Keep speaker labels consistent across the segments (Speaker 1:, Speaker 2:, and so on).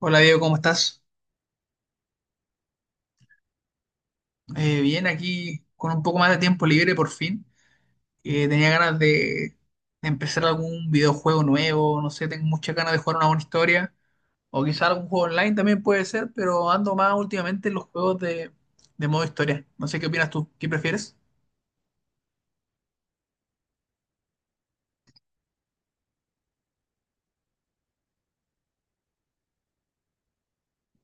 Speaker 1: Hola Diego, ¿cómo estás? Bien, aquí con un poco más de tiempo libre por fin. Tenía ganas de empezar algún videojuego nuevo, no sé, tengo muchas ganas de jugar una buena historia, o quizá algún juego online también puede ser, pero ando más últimamente en los juegos de modo historia. No sé qué opinas tú, ¿qué prefieres?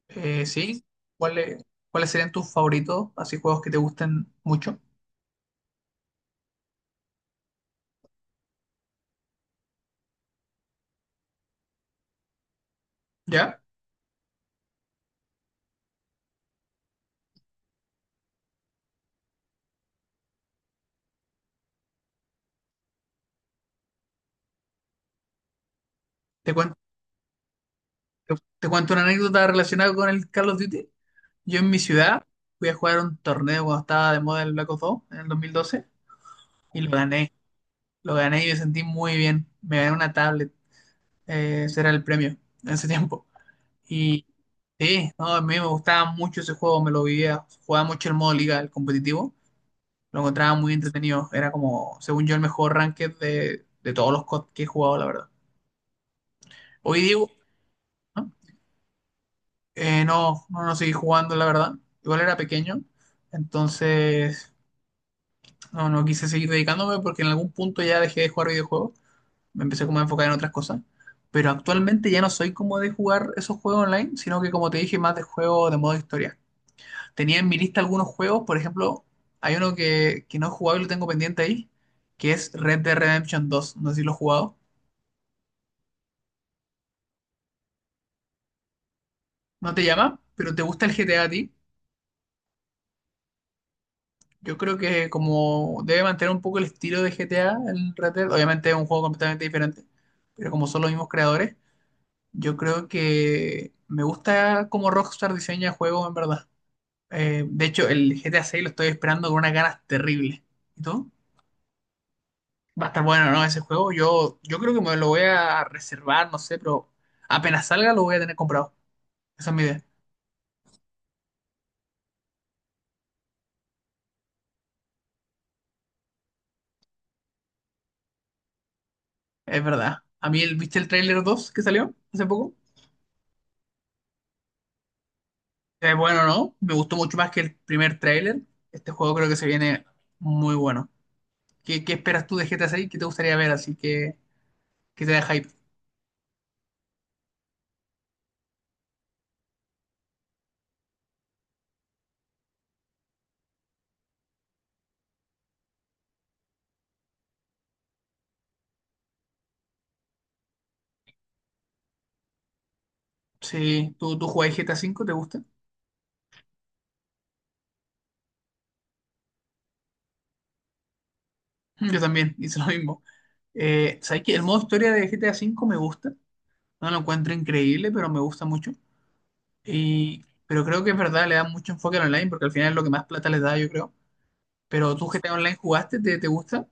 Speaker 1: Sí, ¿cuáles cuáles serían tus favoritos? Así juegos que te gusten mucho. ¿Ya? Te cuento, te, te cuento una anécdota relacionada con el Call of Duty. Yo en mi ciudad fui a jugar un torneo cuando estaba de moda el Black Ops 2 en el 2012 y lo gané. Lo gané y me sentí muy bien. Me gané una tablet. Ese era el premio en ese tiempo. Y sí, no, a mí me gustaba mucho ese juego, me lo vivía. Jugaba mucho el modo liga, el competitivo. Lo encontraba muy entretenido. Era como, según yo, el mejor ranked de todos los COD que he jugado, la verdad. Hoy digo, no, No, no seguí jugando, la verdad. Igual era pequeño. Entonces no, no quise seguir dedicándome porque en algún punto ya dejé de jugar videojuegos. Me empecé como a enfocar en otras cosas. Pero actualmente ya no soy como de jugar esos juegos online, sino que como te dije, más de juegos de modo historia. Tenía en mi lista algunos juegos, por ejemplo, hay uno que no he jugado y lo tengo pendiente ahí, que es Red Dead Redemption 2. No sé si lo he jugado. No te llama, pero te gusta el GTA a ti. Yo creo que como debe mantener un poco el estilo de GTA, el Red Dead, obviamente es un juego completamente diferente, pero como son los mismos creadores. Yo creo que me gusta cómo Rockstar diseña juegos, en verdad. De hecho, el GTA 6 lo estoy esperando con unas ganas terribles. ¿Y tú? Va a estar bueno, ¿no? Ese juego. Yo creo que me lo voy a reservar, no sé, pero apenas salga lo voy a tener comprado. Esa es mi idea. Es verdad. A mí, el, ¿viste el tráiler 2 que salió hace poco? Es bueno, ¿no? Me gustó mucho más que el primer tráiler. Este juego creo que se viene muy bueno. Qué esperas tú de GTA 6? ¿Qué te gustaría ver? Así que, ¿qué te da hype? Sí, tú jugás GTA V? ¿Te gusta? Yo también, hice lo mismo. ¿Sabes qué? El modo historia de GTA V me gusta. No lo encuentro increíble, pero me gusta mucho. Y, pero creo que es verdad, le da mucho enfoque al online, porque al final es lo que más plata les da, yo creo. Pero tú GTA Online jugaste, te gusta?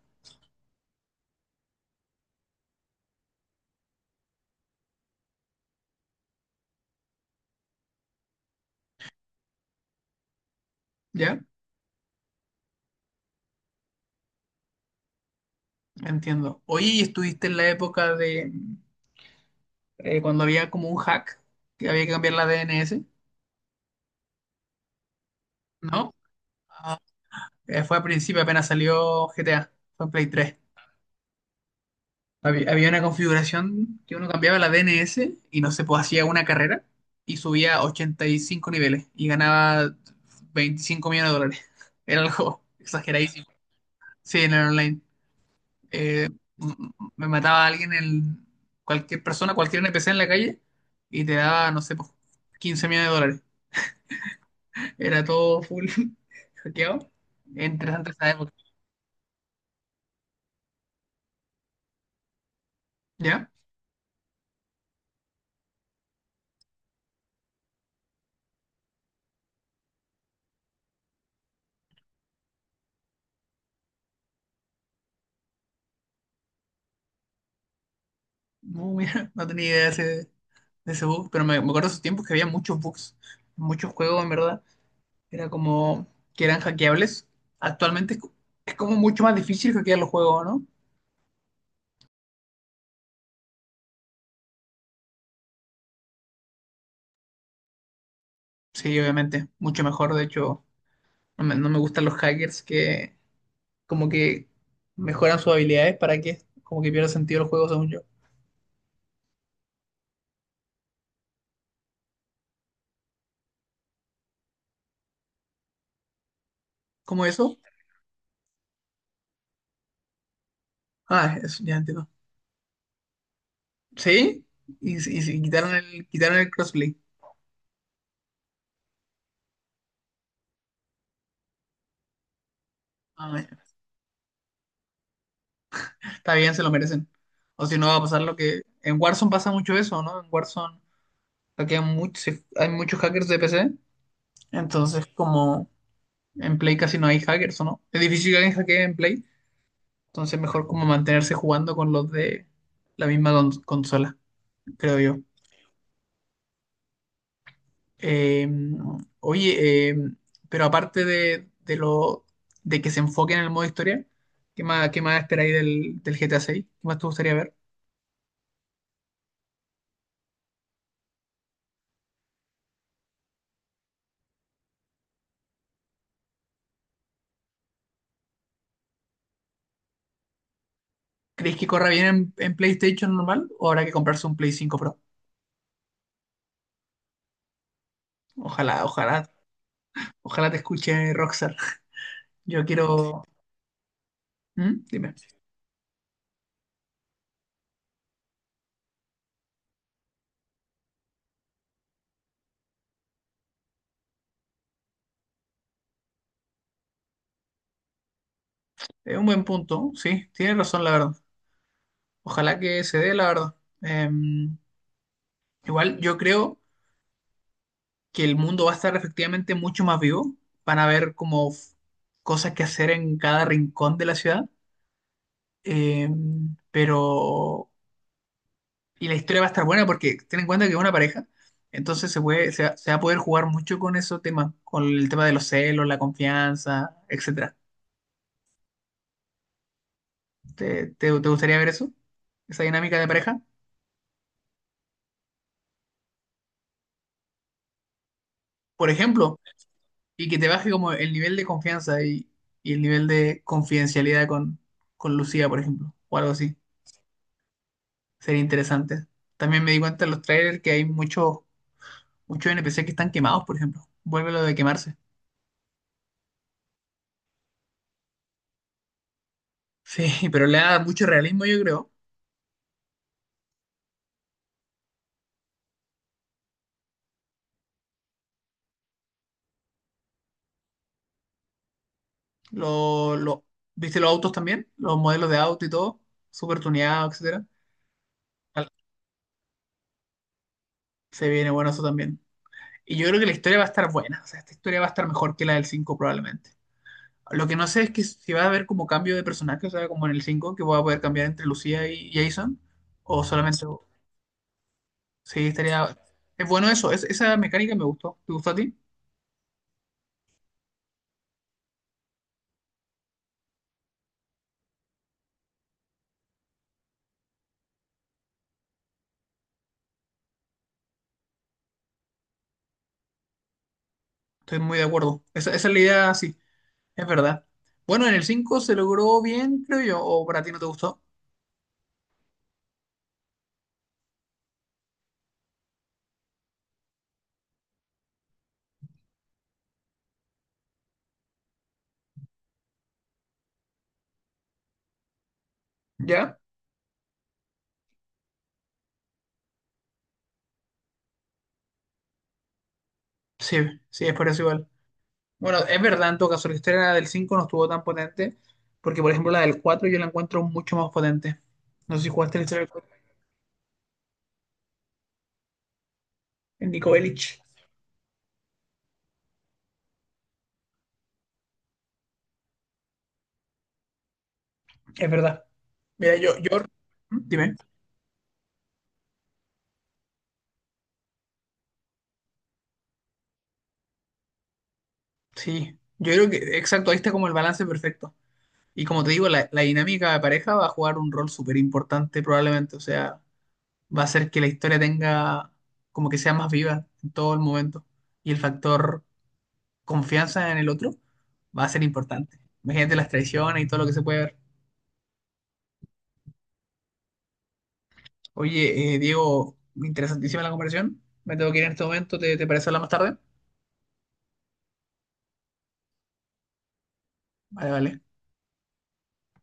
Speaker 1: ¿Ya? Entiendo. Oye, ¿y estuviste en la época de cuando había como un hack, que había que cambiar la DNS? ¿No? Ah, fue al principio, apenas salió GTA, fue en Play 3. Había una configuración que uno cambiaba la DNS y no se podía hacía una carrera y subía 85 niveles y ganaba $25 millones. Era algo exageradísimo. Sí, en el online. Eh, Me mataba a alguien, el, cualquier persona, cualquier NPC en la calle y te daba, no sé, pues, $15 millones. Era todo full hackeado. Interesante esa época. ¿Ya? No, mira, no tenía idea de ese bug, pero me acuerdo de esos tiempos que había muchos bugs, muchos juegos, en verdad. Era como que eran hackeables. Actualmente es como mucho más difícil hackear los juegos, ¿no? Sí, obviamente, mucho mejor. De hecho, no me gustan los hackers que como que mejoran sus habilidades para que como que pierda sentido los juegos, según yo. ¿Cómo eso? Ah, eso ya entiendo. ¿Sí? Y quitaron el crossplay. Está bien, se lo merecen. O si no va a pasar lo que... En Warzone pasa mucho eso, ¿no? En Warzone hay muchos hackers de PC. Entonces, como en Play casi no hay hackers, ¿o no? Es difícil que alguien hackee en Play. Entonces, mejor como mantenerse jugando con los de la misma consola, creo yo. Eh, oye, pero aparte de lo de que se enfoque en el modo historia, qué más esperáis del GTA 6? ¿Qué más te gustaría ver? ¿Crees que corra bien en PlayStation normal o habrá que comprarse un Play 5 Pro? Ojalá, ojalá te escuche Rockstar. Yo quiero... ¿Mm? Dime. Es un buen punto, sí, tienes razón, la verdad. Ojalá que se dé, la verdad. Em, Igual yo creo que el mundo va a estar efectivamente mucho más vivo. Van a haber como cosas que hacer en cada rincón de la ciudad. Pero y la historia va a estar buena porque ten en cuenta que es una pareja, entonces se puede, se va a poder jugar mucho con esos temas, con el tema de los celos, la confianza, etcétera. Te gustaría ver eso? Esa dinámica de pareja, por ejemplo, y que te baje como el nivel de confianza y el nivel de confidencialidad con Lucía, por ejemplo, o algo así. Sería interesante. También me di cuenta en los trailers que hay muchos NPC que están quemados, por ejemplo. Vuelve lo de quemarse. Sí, pero le da mucho realismo, yo creo. Lo, lo- ¿Viste los autos también? Los modelos de auto y todo, súper tuneados, etcétera. Al- se viene bueno eso también. Y yo creo que la historia va a estar buena, o sea, esta historia va a estar mejor que la del 5 probablemente. Lo que no sé es que si va a haber como cambio de personaje, o sea, como en el 5 que voy a poder cambiar entre Lucía y Jason, o solamente... Sí, estaría... Es bueno eso, esa mecánica me gustó. ¿Te gustó a ti? Estoy muy de acuerdo. Esa es la idea, sí, es verdad. Bueno, en el 5 se logró bien, creo yo, o para ti no te gustó. ¿Ya? Sí, sí, es por eso igual. Bueno, es verdad en todo caso, la historia del 5 no estuvo tan potente, porque por ejemplo la del 4 yo la encuentro mucho más potente. No sé si jugaste la historia del 4 en Nico Bellic, es verdad. Mira, yo, ¿Mm? Dime, sí, yo creo que, exacto, ahí está como el balance perfecto. Y como te digo, la dinámica de pareja va a jugar un rol súper importante probablemente, o sea, va a hacer que la historia tenga, como que sea más viva en todo el momento. Y el factor confianza en el otro va a ser importante. Imagínate las traiciones y todo lo que se puede ver. Oye, Diego, interesantísima la conversación. Me tengo que ir en este momento. Te parece hablar más tarde? Vale, vale.